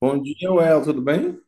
Bom dia, Well, tudo bem?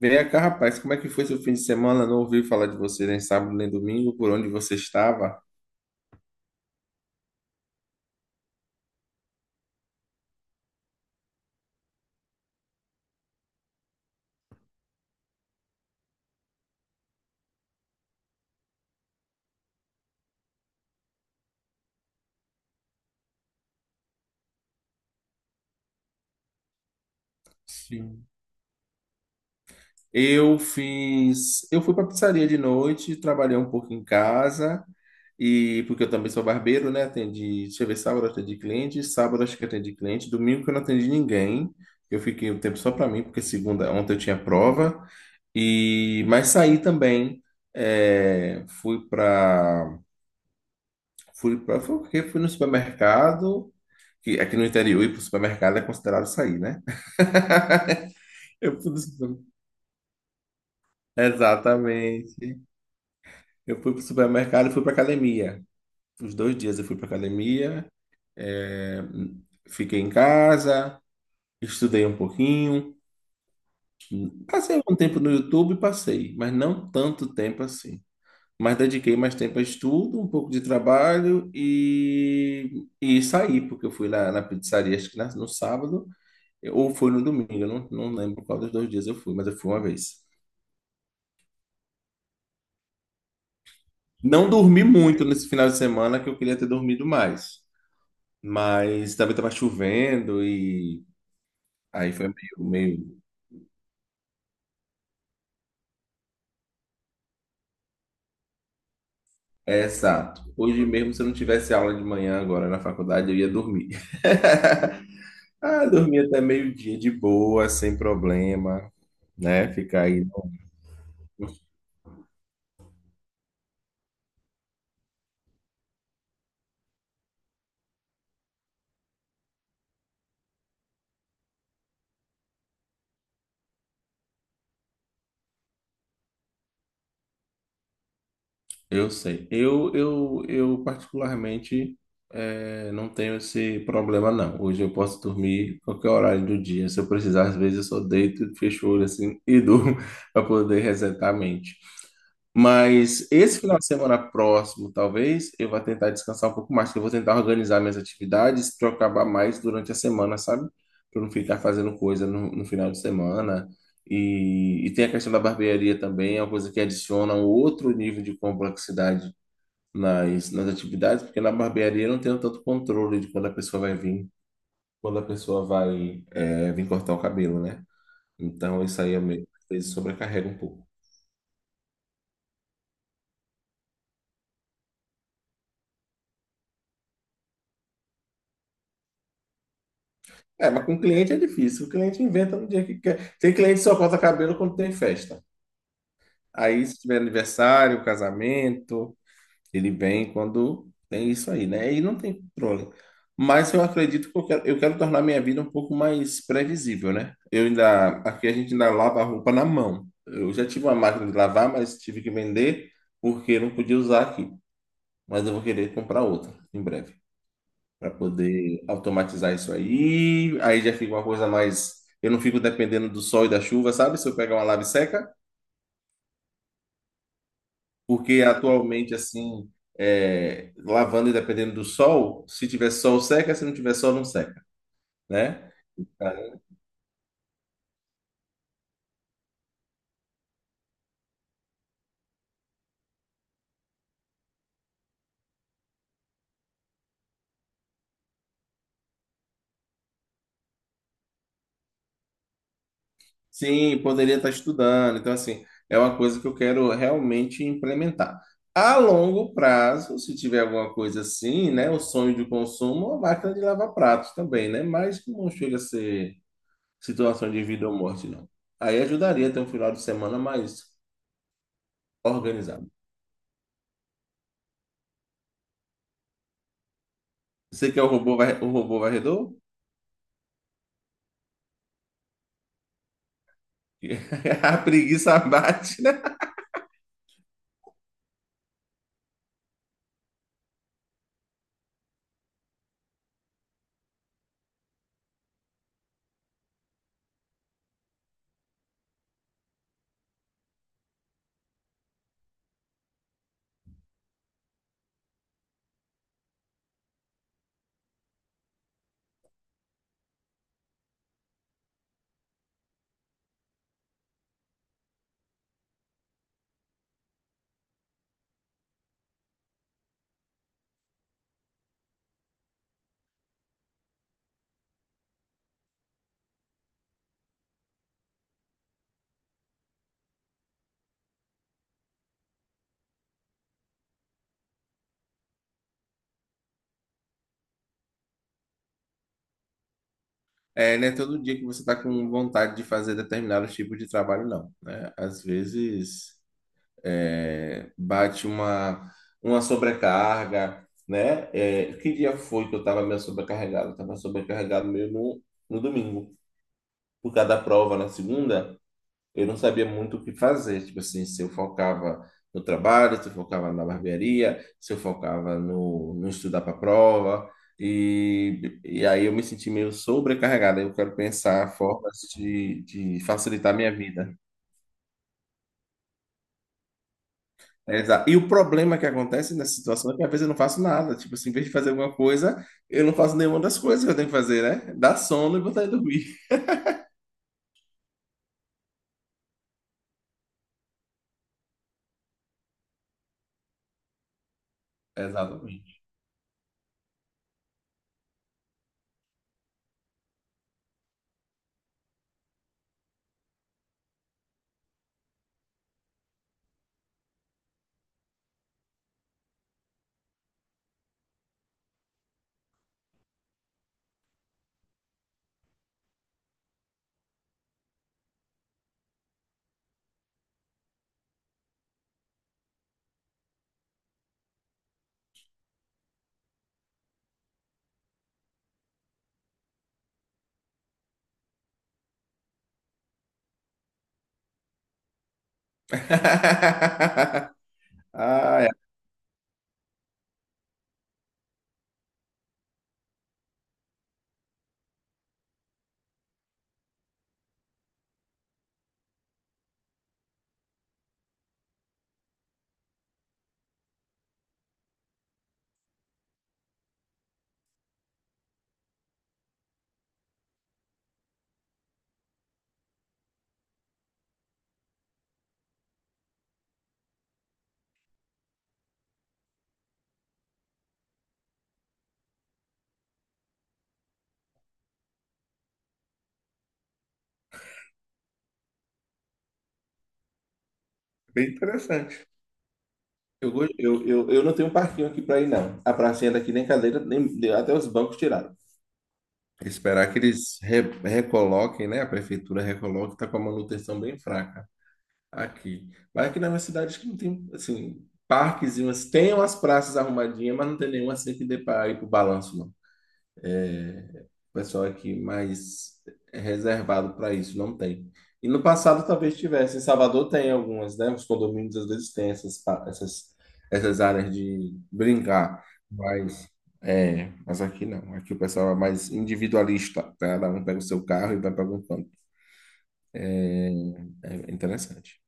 Vem cá, rapaz, como é que foi seu fim de semana? Não ouvi falar de você nem sábado nem domingo, por onde você estava? Sim. Eu fiz. Eu fui para pizzaria de noite, trabalhei um pouco em casa, e porque eu também sou barbeiro, né? Atendi. Deixa eu ver, sábado eu atendi cliente, sábado acho que atendi cliente, domingo que eu não atendi ninguém. Eu fiquei um tempo só para mim, porque segunda, ontem eu tinha prova. E mas saí também. é, fui para fui para foi o quê? Fui no supermercado, que aqui no interior ir para o supermercado é considerado sair, né? Eu fui no supermercado. Exatamente. Eu fui pro supermercado e fui pra academia. Os dois dias eu fui pra academia, é, fiquei em casa, estudei um pouquinho, passei algum tempo no YouTube, passei, mas não tanto tempo assim. Mas dediquei mais tempo a estudo, um pouco de trabalho e saí, porque eu fui na pizzaria, acho que no sábado, ou foi no domingo, eu não lembro qual dos dois dias eu fui, mas eu fui uma vez. Não dormi muito nesse final de semana, que eu queria ter dormido mais, mas também estava chovendo e aí foi meio. É, exato. Hoje mesmo, se eu não tivesse aula de manhã agora na faculdade, eu ia dormir. Ah, dormir até meio-dia de boa, sem problema, né? Ficar aí. Eu sei. Eu particularmente não tenho esse problema, não. Hoje eu posso dormir qualquer horário do dia. Se eu precisar, às vezes eu só deito, fecho o olho assim e durmo para poder resetar a mente. Mas esse final de semana próximo, talvez, eu vá tentar descansar um pouco mais, que eu vou tentar organizar minhas atividades para eu acabar mais durante a semana, sabe? Para não ficar fazendo coisa no, no final de semana e tem a questão da barbearia também, é uma coisa que adiciona um outro nível de complexidade nas atividades, porque na barbearia eu não tenho tanto controle de quando a pessoa vai vir, quando a pessoa vai vir cortar o cabelo, né? Então isso aí é meio, às vezes sobrecarrega um pouco. É, mas com cliente é difícil, o cliente inventa no dia que quer. Tem cliente que só corta cabelo quando tem festa. Aí se tiver aniversário, casamento, ele vem quando tem isso aí, né? E não tem controle. Mas eu acredito que eu quero tornar minha vida um pouco mais previsível, né? Eu ainda, aqui a gente ainda lava a roupa na mão. Eu já tive uma máquina de lavar, mas tive que vender porque eu não podia usar aqui. Mas eu vou querer comprar outra em breve para poder automatizar isso aí. Aí já fica uma coisa mais. Eu não fico dependendo do sol e da chuva, sabe? Se eu pegar uma lave seca. Porque atualmente, assim, é, lavanda, dependendo do sol, se tiver sol, seca, se não tiver sol, não seca, né? Sim, poderia estar estudando. Então, assim, é uma coisa que eu quero realmente implementar. A longo prazo, se tiver alguma coisa assim, né? O sonho de consumo, a máquina de lavar pratos também, né? Mas não chega a ser situação de vida ou morte, não. Aí ajudaria a ter um final de semana mais organizado. Você quer o robô, o robô varredor? A preguiça bate, né? É, não é todo dia que você está com vontade de fazer determinados tipos de trabalho, não, né? Às vezes bate uma sobrecarga, né? É, que dia foi que eu estava meio sobrecarregado? Estava sobrecarregado meio no domingo, por causa da prova na segunda. Eu não sabia muito o que fazer. Tipo assim, se eu focava no trabalho, se eu focava na barbearia, se eu focava no estudar para prova. E aí eu me senti meio sobrecarregado. Eu quero pensar formas de facilitar a minha vida. Exato. E o problema que acontece nessa situação é que às vezes eu não faço nada. Tipo assim, em vez de fazer alguma coisa, eu não faço nenhuma das coisas que eu tenho que fazer, né? Dá sono e vontade de dormir. Exatamente. Ah, é bem interessante. Eu, go- eu não tenho um parquinho aqui para ir, não. A pracinha daqui nem cadeira, nem, até os bancos tiraram. Esperar que eles recoloquem, né? A prefeitura recoloque, tá com a manutenção bem fraca aqui. Mas aqui na minha cidade acho que não tem, assim, parques, e tem umas praças arrumadinhas, mas não tem nenhuma assim que dê para ir pro balanço, não. O pessoal aqui mais reservado para isso, não tem. E no passado talvez tivesse. Em Salvador tem algumas, né? Os condomínios às vezes têm essas áreas de brincar, mas, é, mas aqui não. Aqui o pessoal é mais individualista, né? Cada um pega o seu carro e vai para algum canto. É interessante.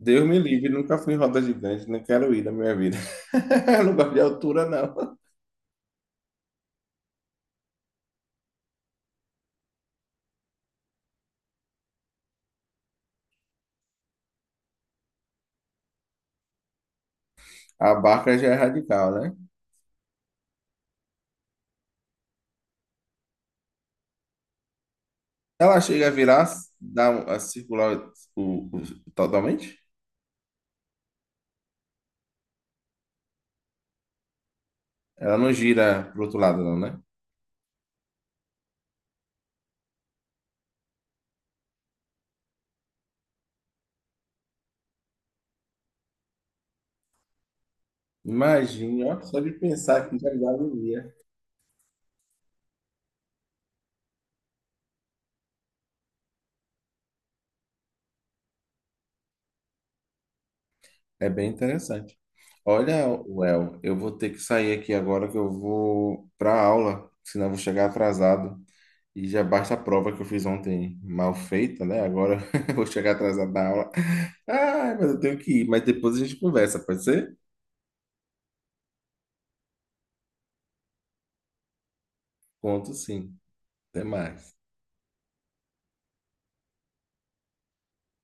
Deus me livre, nunca fui em roda gigante, não quero ir na minha vida. Não gosto de altura, não. A barca já é radical, né? Ela chega a virar, dar a circular o totalmente? Ela não gira pro outro lado, não, né? Imagina, ó, só de pensar que já me dá agonia. É bem interessante. Olha, Well, eu vou ter que sair aqui agora que eu vou para aula, senão eu vou chegar atrasado. E já basta a prova que eu fiz ontem mal feita, né? Agora eu vou chegar atrasado da aula. Ah, mas eu tenho que ir. Mas depois a gente conversa, pode ser? Conto sim. Até mais.